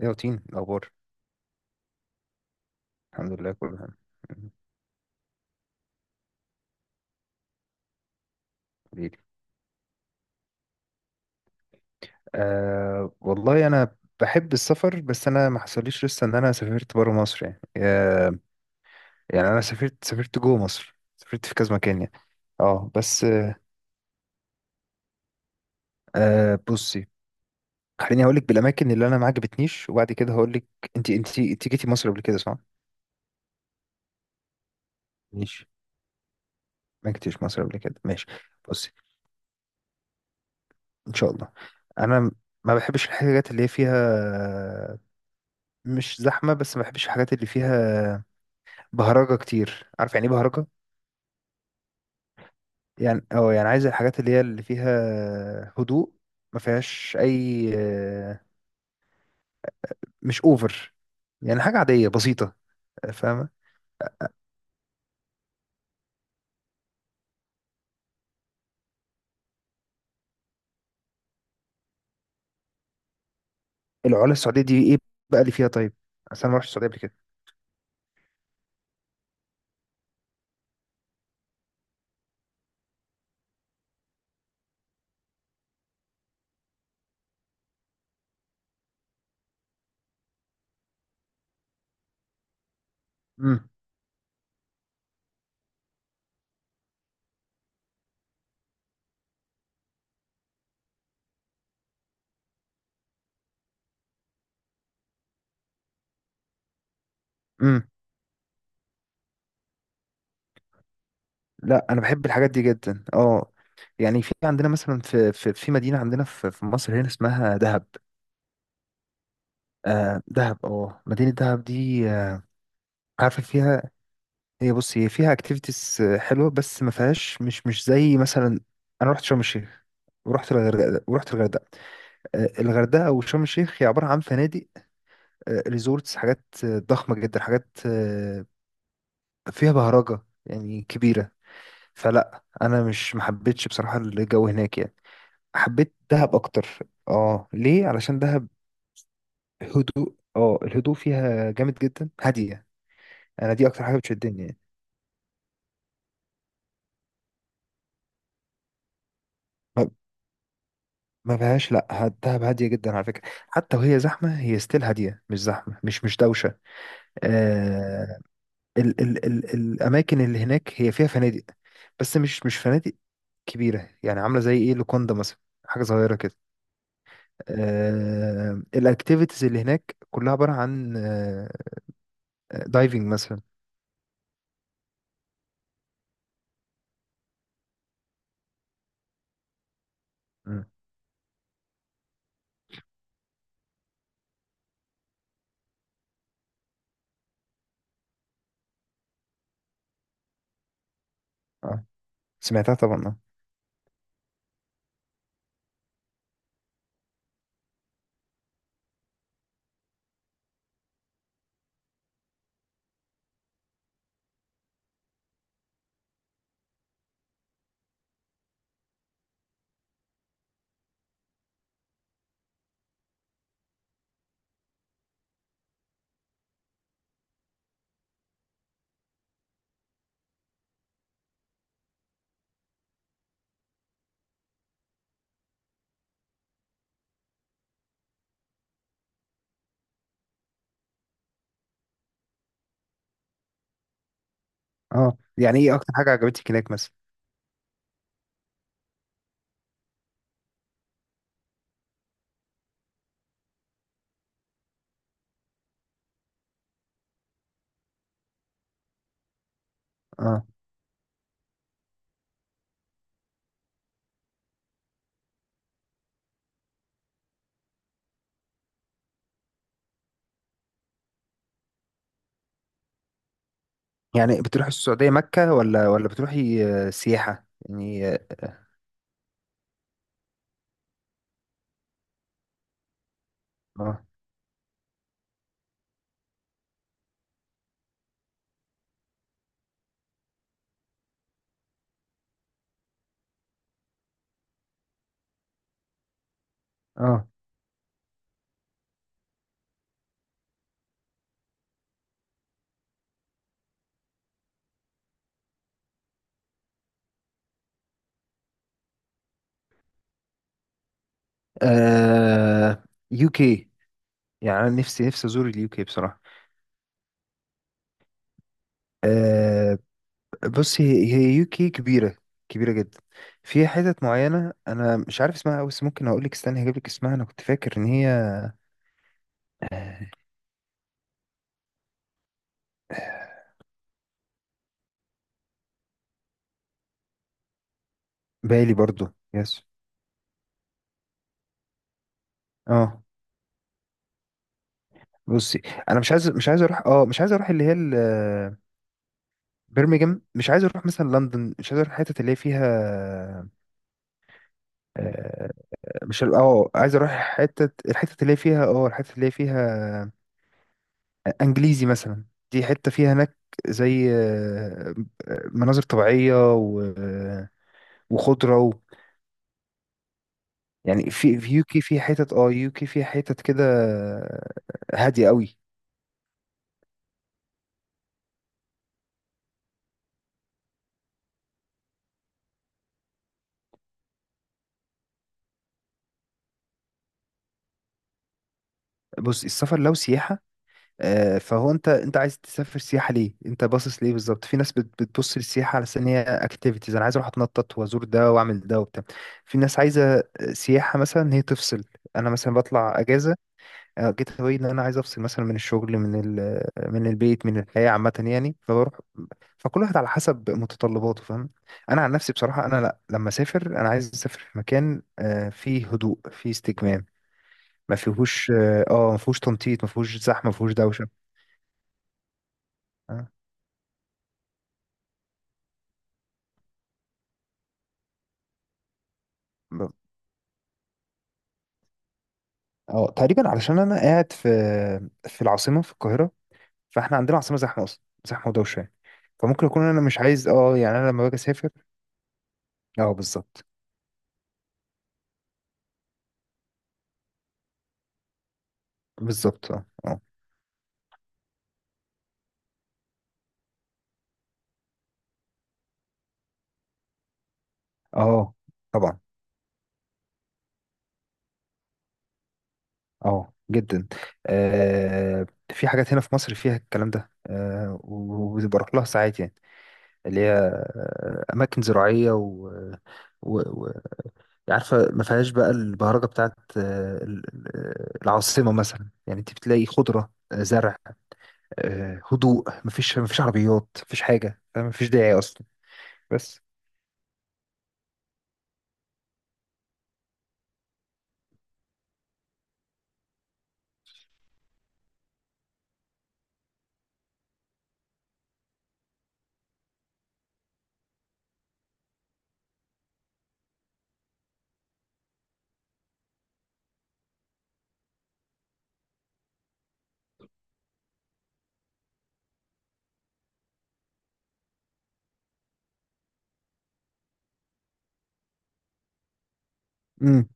إيه يا روتين الأخبار؟ الحمد لله كله تمام. مم. حبيبي، أه والله أنا بحب السفر، بس أنا ما حصليش لسه إن أنا سافرت برا مصر يعني أه. يعني أنا سافرت جوه مصر، سافرت في كذا مكان يعني. اه بس أه، بصي، خليني هقولك بالأماكن اللي أنا ما عجبتنيش وبعد كده هقولك. أنت جيتي مصر قبل كده صح؟ ماشي، ما جيتيش مصر قبل كده، ماشي. بصي، إن شاء الله. أنا ما بحبش الحاجات اللي هي فيها مش زحمة، بس ما بحبش الحاجات اللي فيها بهرجة كتير. عارف يعني ايه بهرجة؟ يعني اه، يعني عايز الحاجات اللي هي اللي فيها هدوء، ما فيهاش اي مش اوفر، يعني حاجة عادية بسيطة. فاهمة؟ العلا السعودية دي ايه بقى اللي فيها طيب؟ عشان ما رحتش السعودية قبل كده. امم. امم، لا انا بحب الحاجات دي جدا اه. يعني في عندنا مثلا في مدينة عندنا في مصر هنا اسمها دهب. آه دهب، اه مدينة دهب دي عارفة فيها. هي بص، هي فيها اكتيفيتيز حلوه، بس ما فيهاش، مش مش زي مثلا. انا رحت شرم الشيخ ورحت الغردقه. آه، الغردقه وشرم الشيخ هي عباره عن فنادق، ريزورتس، حاجات آه، ضخمه جدا، حاجات آه، فيها بهرجه يعني كبيره. فلا انا مش، ما حبيتش بصراحه الجو هناك يعني. حبيت دهب اكتر. اه ليه؟ علشان دهب هدوء، اه الهدوء فيها جامد جدا، هاديه. انا دي اكتر حاجه بتشدني. يعني ما فيهاش، لا ه- دهب هاديه جدا على فكره. حتى وهي زحمه هي ستيل هاديه، مش زحمه، مش دوشه. آه، ال ال ال الاماكن اللي هناك هي فيها فنادق، بس مش فنادق كبيره، يعني عامله زي ايه، لوكوندا مثلا، حاجه صغيره كده. آه الاكتيفيتيز اللي هناك كلها عباره عن آه، دايفنج مثلا. مم. اه، سمعتها طبعا اه. اه يعني ايه اكتر حاجه عجبتك هناك مثلا؟ اه، يعني بتروحي السعوديه مكه، ولا بتروحي آه، سياحه يعني؟ اه اه. آه يو كي. يعني انا نفسي ازور اليو كي بصراحه. آه بص، هي يو كي كبيره، كبيره جدا. في حتت معينه انا مش عارف اسمها أوي، بس ممكن اقول لك، استنى هجيب لك اسمها، انا كنت فاكر ان هي آه، بالي برضو، يس، اه. بصي، انا مش عايز اروح، اه مش عايز اروح اللي هي برمنجهام، مش عايز اروح مثلا لندن، مش عايز اروح الحتت اللي هي فيها آه، مش ال- اه عايز اروح حتت، الحتت اللي هي فيها، اه الحتت اللي هي فيها انجليزي مثلا. دي حته فيها هناك زي آه، آه، مناظر طبيعيه آه، وخضره و... يعني في يوكي في حتت، اه يوكي في حتت كده آه، هاديه قوي. بص، السفر لو سياحه آه، فهو انت، انت عايز تسافر سياحه ليه، انت باصص ليه بالظبط؟ في ناس بتبص للسياحه على أساس ان هي اكتيفيتيز، انا عايز اروح اتنطط وازور ده واعمل ده وبتاع. في ناس عايزه آه، سياحه مثلا ان هي تفصل. انا مثلا بطلع اجازه آه، جيت هواي ان انا عايز افصل مثلا من الشغل، من من البيت، من الحياه عامه يعني، فبروح. فكل واحد على حسب متطلباته، فاهم. انا عن نفسي بصراحه انا، لا لما اسافر انا عايز اسافر في مكان آه، فيه هدوء، فيه استجمام، ما فيهوش اه آه، ما فيهوش تنطيط، ما فيهوش زحمه، ما فيهوش دوشه. اه ب- آه، تقريبا علشان انا قاعد في، في العاصمه في القاهره، فاحنا عندنا عاصمه زحمه اصلا، زحمه ودوشه يعني، فممكن اكون انا مش عايز اه، يعني انا لما باجي اسافر. اه بالظبط. بالظبط اه اه. آه، طبعا. اه جدا. آه، في حاجات هنا في مصر فيها الكلام ده آه وبروح لها ساعات يعني، اللي هي آه، أماكن زراعية و, و... و... يعني عارفة، ما فيهاش بقى البهرجة بتاعت آه، العاصمة مثلا. يعني انت بتلاقي خضرة آه، زرع آه، هدوء، ما فيش، ما فيش عربيات، ما فيش حاجة، ما فيش داعي أصلا. بس. مم.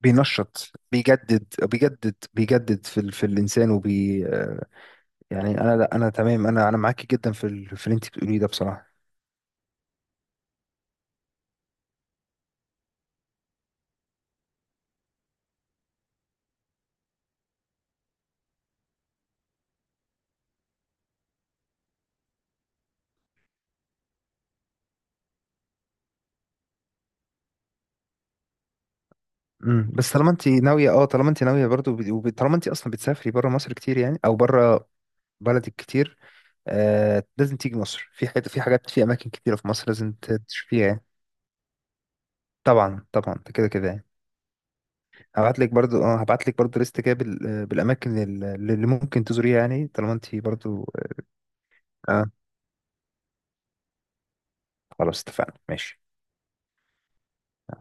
بينشط، بيجدد في ال... في الإنسان، وبي آه، يعني انا، لا انا تمام، انا معاكي جدا في في اللي انت بتقوليه ده بصراحه. امم، بس طالما انت ناويه، اه طالما انت ناويه برضو، طالما انت اصلا بتسافري بره مصر كتير يعني، او بره بلدك كتير آه، لازم تيجي مصر، في حاجات في اماكن كتيره في مصر لازم تشوفيها يعني. طبعا طبعا ده، كده كده يعني. هبعت لك برضو، اه هبعت لك برضو ليست كده آه، بالاماكن اللي ممكن تزوريها يعني، طالما انت برضو. اه، خلاص اتفقنا، ماشي.